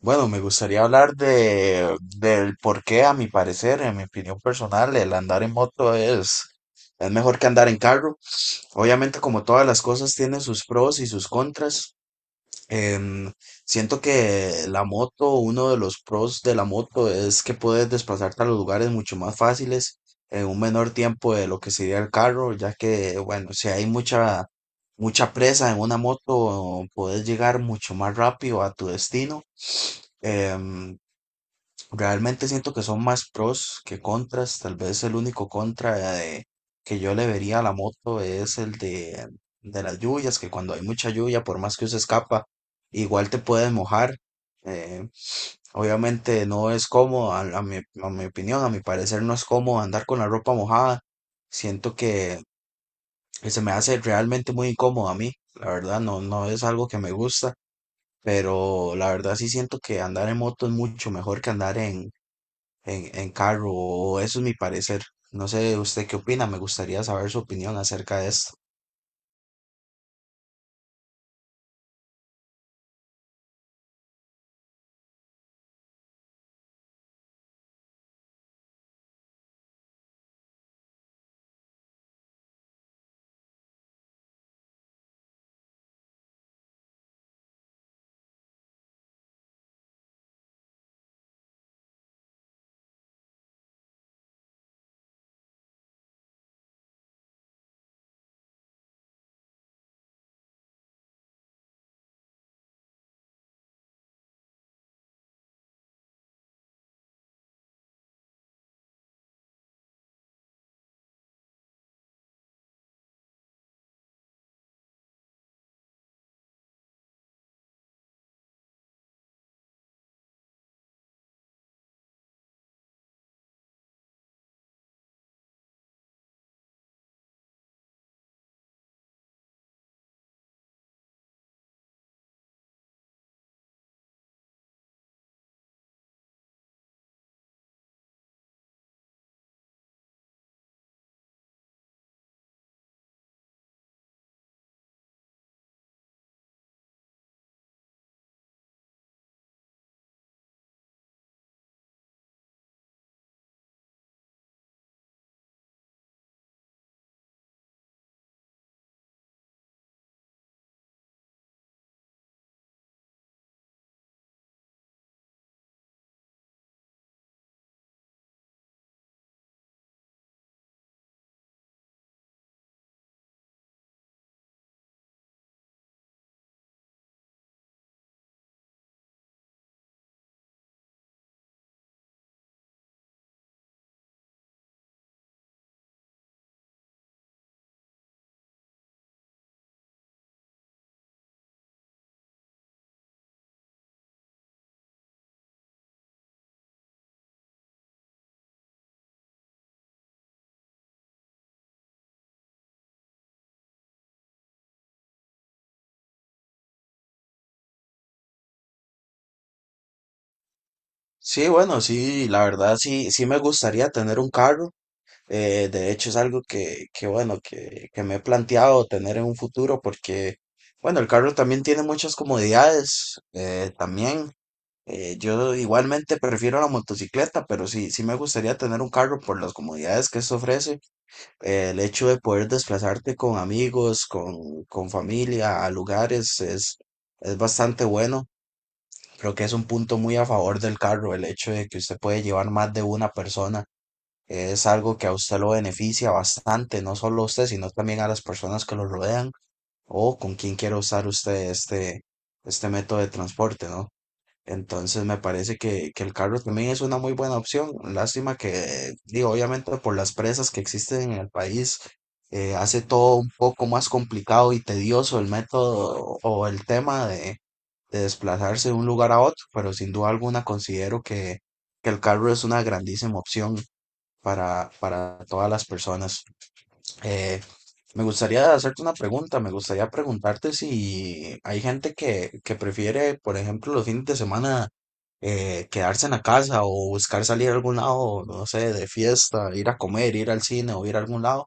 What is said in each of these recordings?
Bueno, me gustaría hablar del por qué, a mi parecer, en mi opinión personal, el andar en moto es mejor que andar en carro. Obviamente, como todas las cosas, tiene sus pros y sus contras. Em, Siento que uno de los pros de la moto es que puedes desplazarte a los lugares mucho más fáciles en un menor tiempo de lo que sería el carro, ya que, bueno, si hay mucha presa en una moto, puedes llegar mucho más rápido a tu destino. Em, Realmente siento que son más pros que contras. Tal vez el único que yo le vería a la moto es el de las lluvias, que cuando hay mucha lluvia, por más que se escapa, igual te puedes mojar. Eh, Obviamente no es cómodo, a mi opinión, a mi parecer no es cómodo andar con la ropa mojada. Siento que se me hace realmente muy incómodo a mí. La verdad, no, no es algo que me gusta, pero la verdad sí siento que andar en moto es mucho mejor que andar en carro, o eso es mi parecer. No sé, ¿usted qué opina? Me gustaría saber su opinión acerca de esto. Sí, bueno, sí, la verdad sí, sí me gustaría tener un carro. De hecho es algo que, bueno, que me he planteado tener en un futuro porque, bueno, el carro también tiene muchas comodidades. Yo igualmente prefiero la motocicleta, pero sí, sí me gustaría tener un carro por las comodidades que esto ofrece. El hecho de poder desplazarte con amigos, con familia, a lugares, es bastante bueno. Creo que es un punto muy a favor del carro, el hecho de que usted puede llevar más de una persona. Es algo que a usted lo beneficia bastante, no solo a usted, sino también a las personas que lo rodean o con quien quiera usar usted este método de transporte, ¿no? Entonces me parece que el carro también es una muy buena opción. Lástima que, digo, obviamente por las presas que existen en el país, hace todo un poco más complicado y tedioso el método o el tema de desplazarse de un lugar a otro, pero sin duda alguna considero que el carro es una grandísima opción para todas las personas. Eh, Me gustaría preguntarte si hay gente que prefiere, por ejemplo, los fines de semana quedarse en la casa o buscar salir a algún lado, no sé, de fiesta, ir a comer, ir al cine o ir a algún lado.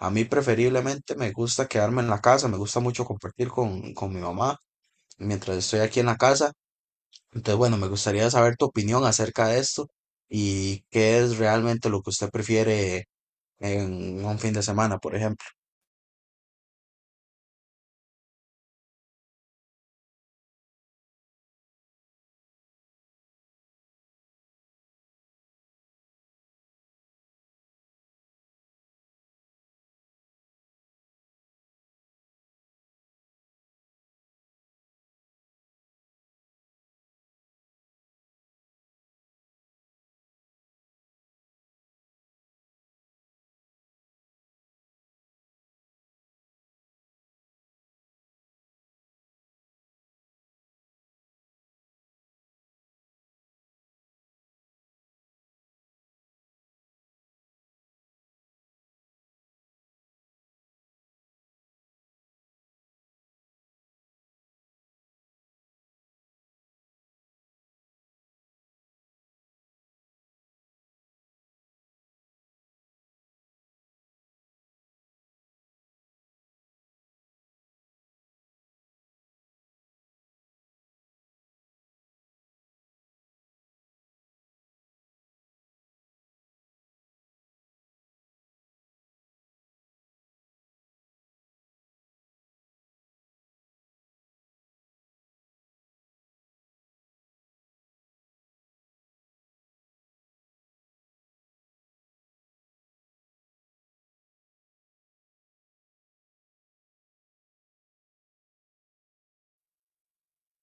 A mí preferiblemente me gusta quedarme en la casa, me gusta mucho compartir con mi mamá mientras estoy aquí en la casa. Entonces, bueno, me gustaría saber tu opinión acerca de esto y qué es realmente lo que usted prefiere en un fin de semana, por ejemplo.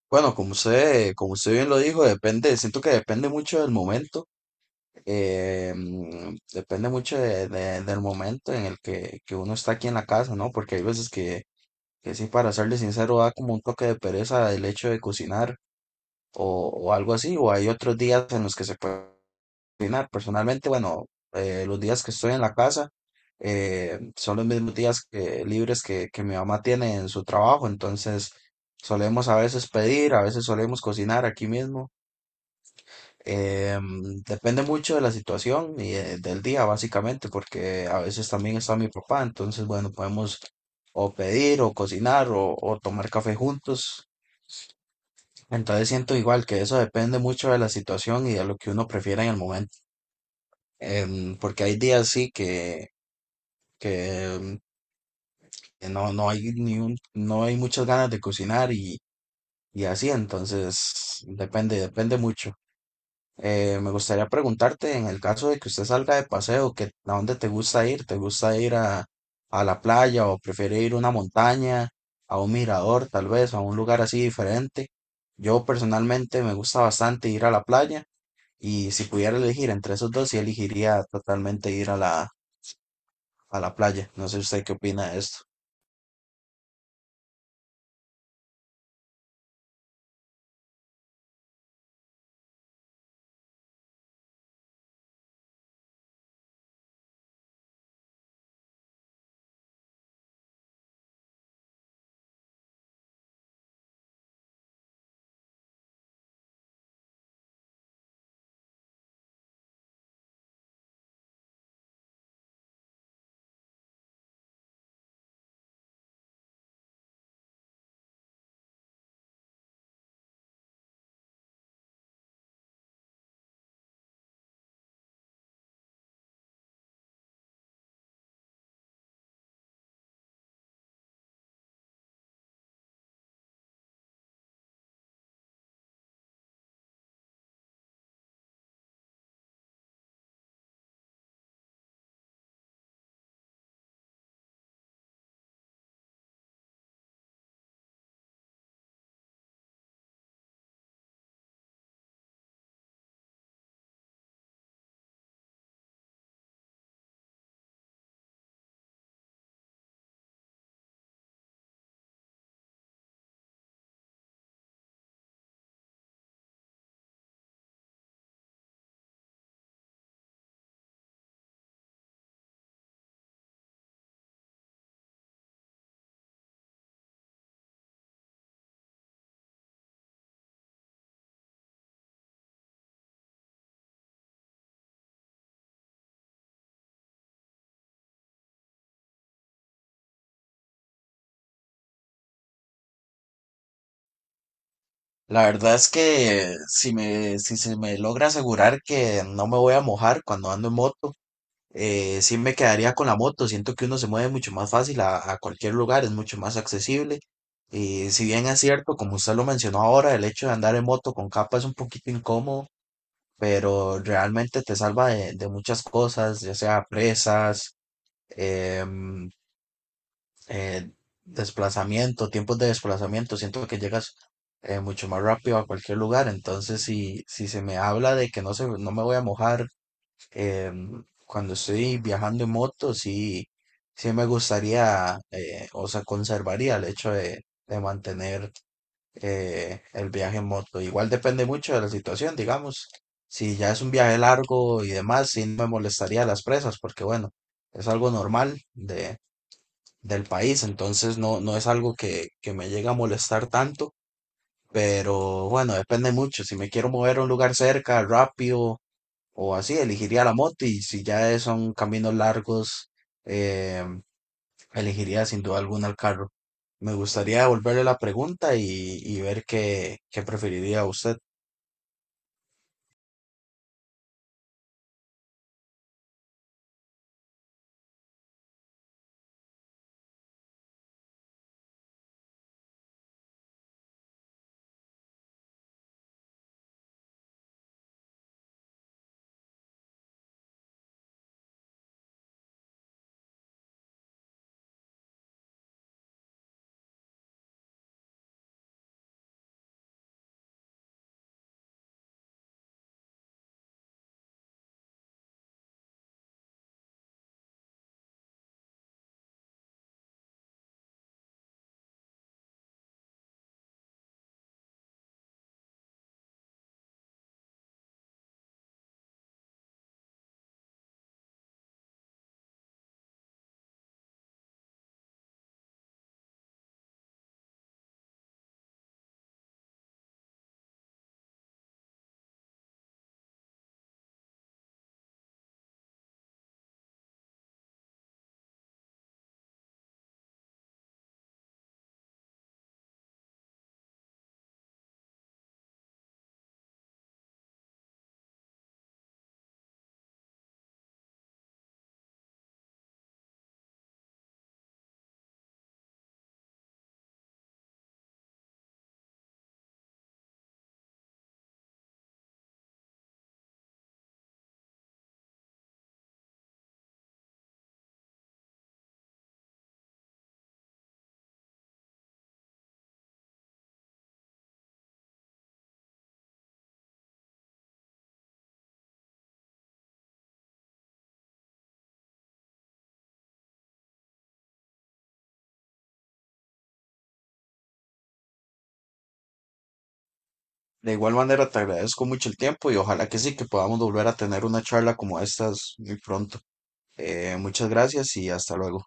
Bueno, como usted bien lo dijo, depende, siento que depende mucho del momento, depende mucho del momento en el que uno está aquí en la casa, ¿no? Porque hay veces que sí, para serle sincero, da como un toque de pereza el hecho de cocinar o algo así, o hay otros días en los que se puede cocinar. Personalmente, bueno, los días que estoy en la casa son los mismos días libres que mi mamá tiene en su trabajo, entonces solemos a veces pedir, a veces solemos cocinar aquí mismo. Depende mucho de la situación y del día, básicamente, porque a veces también está mi papá, entonces, bueno, podemos o pedir o cocinar o tomar café juntos. Entonces siento igual que eso depende mucho de la situación y de lo que uno prefiera en el momento. Porque hay días sí que em, que no, no hay ni un- no hay muchas ganas de cocinar y así, entonces depende, depende mucho. Me gustaría preguntarte, en el caso de que usted salga de paseo, que, ¿a dónde te gusta ir? ¿Te gusta ir a la playa o prefiere ir a una montaña, a un mirador, tal vez, a un lugar así diferente? Yo personalmente me gusta bastante ir a la playa. Y si pudiera elegir entre esos dos, sí elegiría totalmente ir a a la playa. No sé usted qué opina de esto. La verdad es que si se me logra asegurar que no me voy a mojar cuando ando en moto, sí me quedaría con la moto. Siento que uno se mueve mucho más fácil a cualquier lugar, es mucho más accesible. Y si bien es cierto, como usted lo mencionó ahora, el hecho de andar en moto con capa es un poquito incómodo, pero realmente te salva de muchas cosas, ya sea presas, em, eh, desplazamiento, tiempos de desplazamiento. Siento que llegas mucho más rápido a cualquier lugar. Entonces, si se me habla de que no me voy a mojar em, cuando estoy viajando en moto, sí, sí me gustaría, o sea, conservaría el hecho de mantener el viaje en moto. Igual depende mucho de la situación, digamos. Si ya es un viaje largo y demás, sí no me molestaría las presas, porque bueno, es algo normal del país, entonces no, no es algo que me llega a molestar tanto, pero bueno, depende mucho. Si me quiero mover a un lugar cerca, rápido o así, elegiría la moto y si ya son caminos largos, eh, elegiría sin duda alguna el carro. Me gustaría devolverle la pregunta y ver qué preferiría usted. De igual manera, te agradezco mucho el tiempo y ojalá que sí, que podamos volver a tener una charla como estas muy pronto. Muchas gracias y hasta luego.